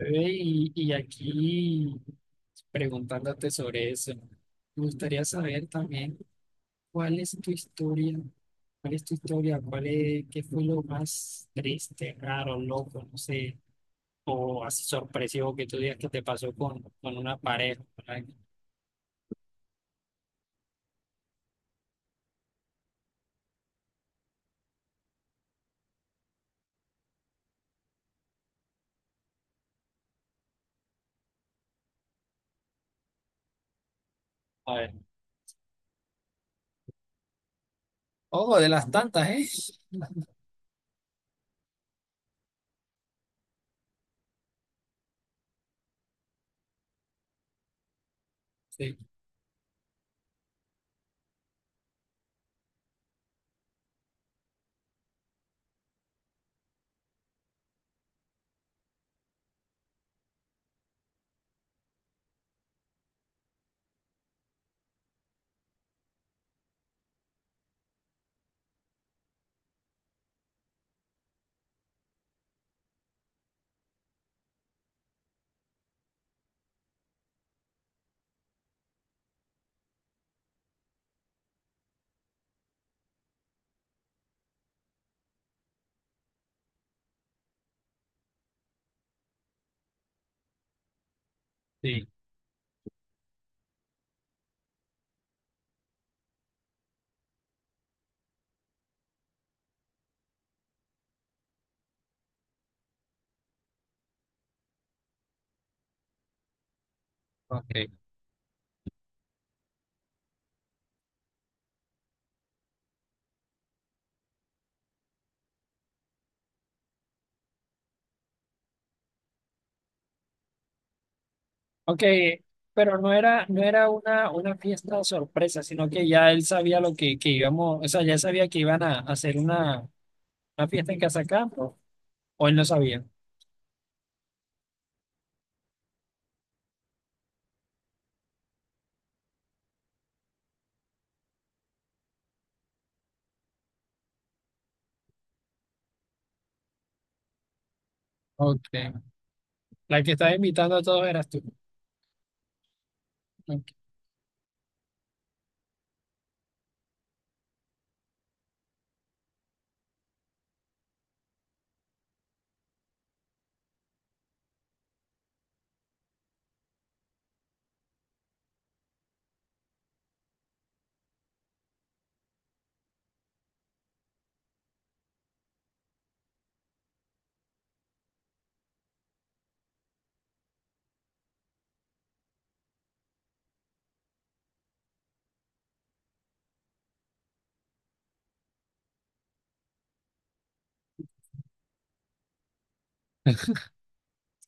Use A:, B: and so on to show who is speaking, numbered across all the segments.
A: Y aquí, preguntándote sobre eso, me gustaría saber también cuál es tu historia, cuál es, qué fue lo más triste, raro, loco, no sé, o así sorpresivo que tú digas que te pasó con una pareja, con alguien. A ver. Oh, de las tantas, ¿eh? Sí, sí, ok. Ok, pero no era una fiesta sorpresa, sino que ya él sabía que íbamos, o sea, ya sabía que iban a hacer una fiesta en Casa Campo, o él no sabía. Ok, la que estaba invitando a todos eras tú. Ok.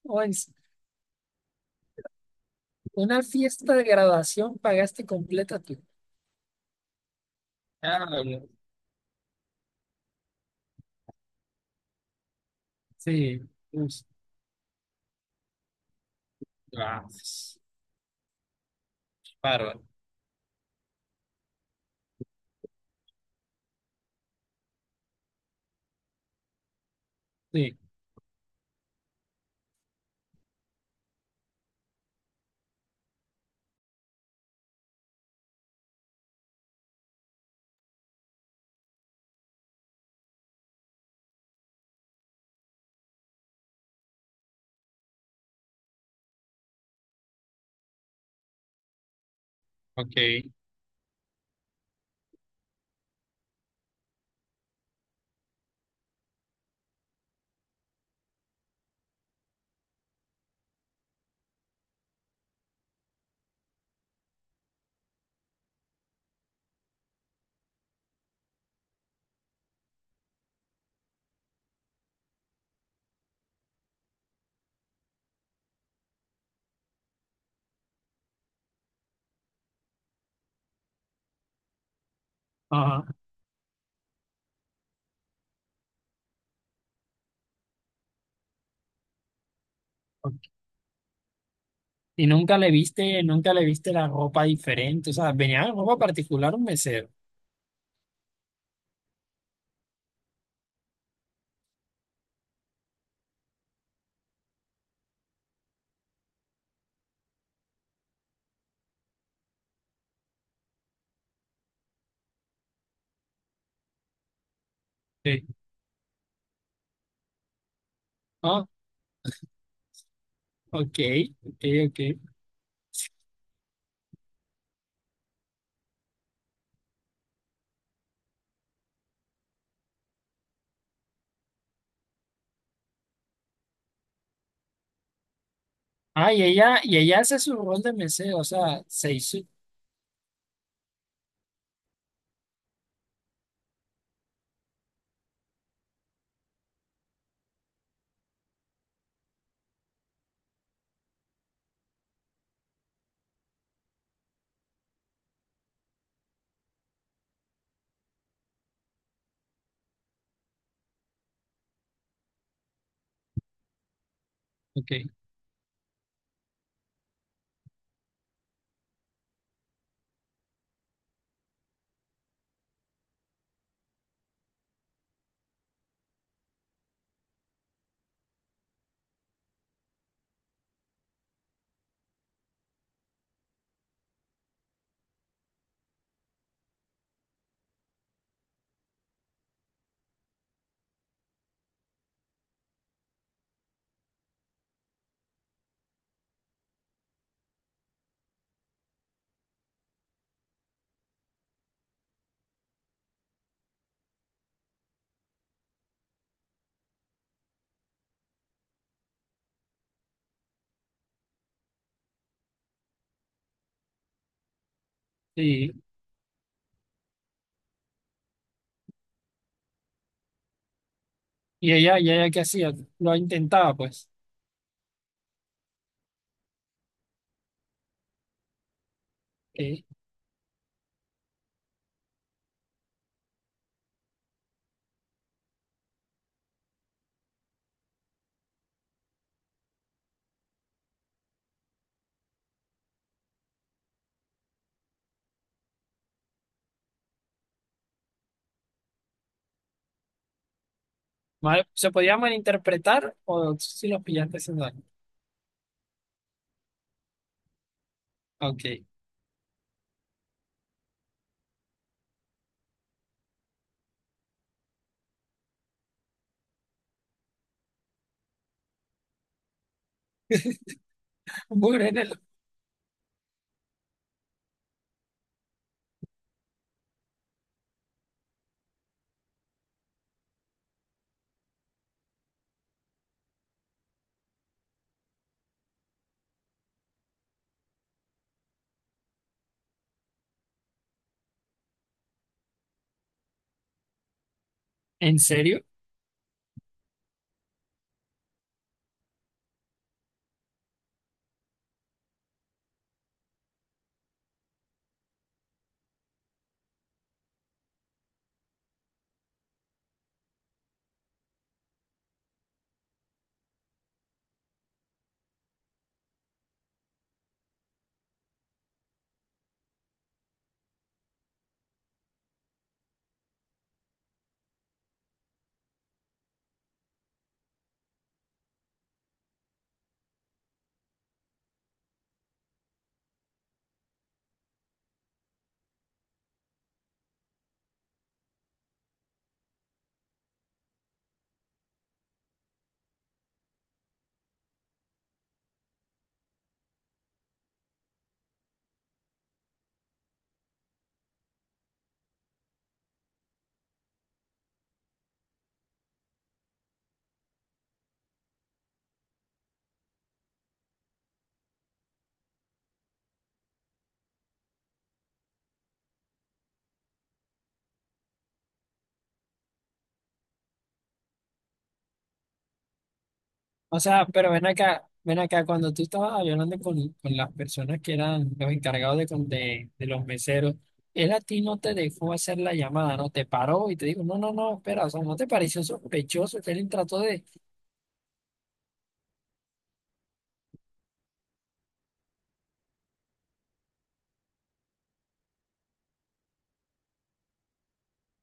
A: Oye, una fiesta de graduación pagaste completa tú. Ah, sí, pues, ah, bárbaro. Sí. Ok. Ajá. Ok. Y nunca le viste la ropa diferente. O sea, venía en ropa particular un mesero. Sí. Ah, ok, ok. Ah, y ella hace su rol de mesero, o sea, se hizo. Ok. Sí. Y ella qué hacía, lo intentaba, pues. Ok. ¿Se podía malinterpretar o si los pillaste haciendo algo? Ok. Bueno, ¿en serio? O sea, pero ven acá, cuando tú estabas hablando con las personas que eran los encargados de de los meseros, él a ti no te dejó hacer la llamada, ¿no? Te paró y te dijo, no, no, no, espera, o sea, ¿no te pareció sospechoso que él trató de...?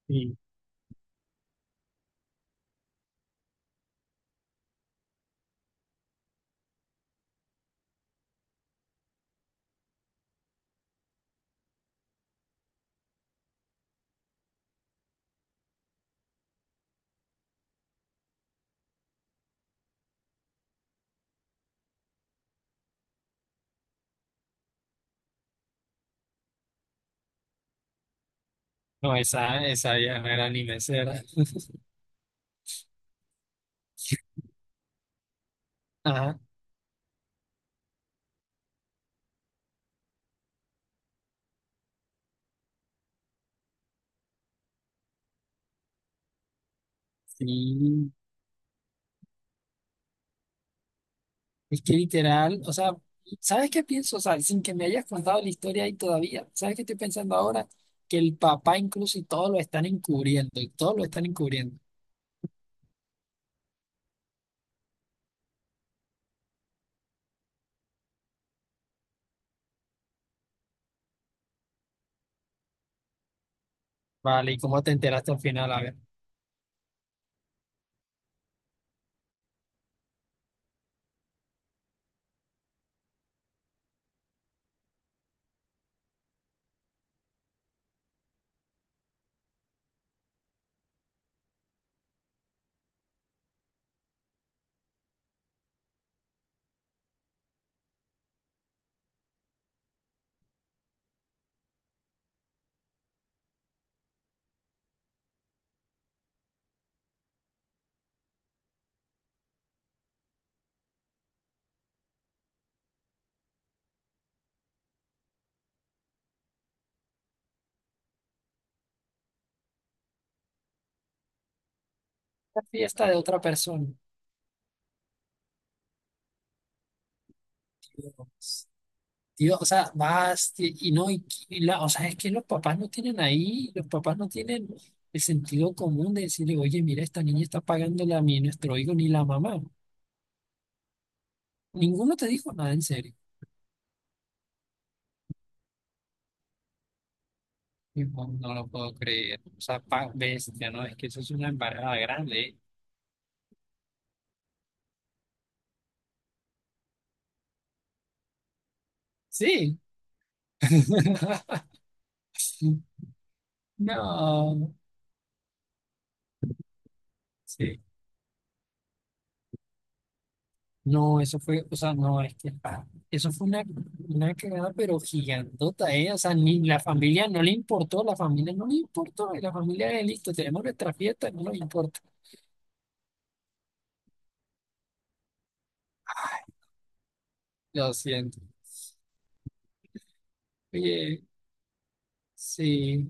A: Sí. No, esa ya no era ni mesera. Ajá. Sí. Es que literal, o sea, ¿sabes qué pienso? O sea, sin que me hayas contado la historia ahí todavía, ¿sabes qué estoy pensando ahora? Que el papá incluso y todo lo están encubriendo, y todo lo están encubriendo. Vale, ¿y cómo te enteraste al final? A ver, la fiesta de otra persona. Tío. Tío, o sea, y no, y la, o sea, es que los papás no tienen ahí, los papás no tienen el sentido común de decirle, oye, mira, esta niña está pagándole a mí, nuestro hijo, ni la mamá. Ninguno te dijo nada, en serio. Tipo, no lo puedo creer. O sea, pa bestia, ¿no? Es que eso es una embarrada grande, ¿eh? Sí. No. Sí. No, eso fue, o sea, no, es que pa, eso fue una cagada, pero gigantota, ¿eh? O sea, ni la familia no le importó, la familia no le importó, y la familia de listo, tenemos nuestra fiesta, no nos importa. Lo siento. Oye, sí,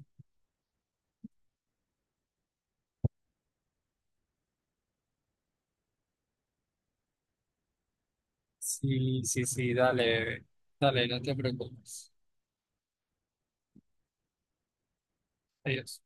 A: sí, sí, dale, bebé. Dale, no te preocupes. Adiós.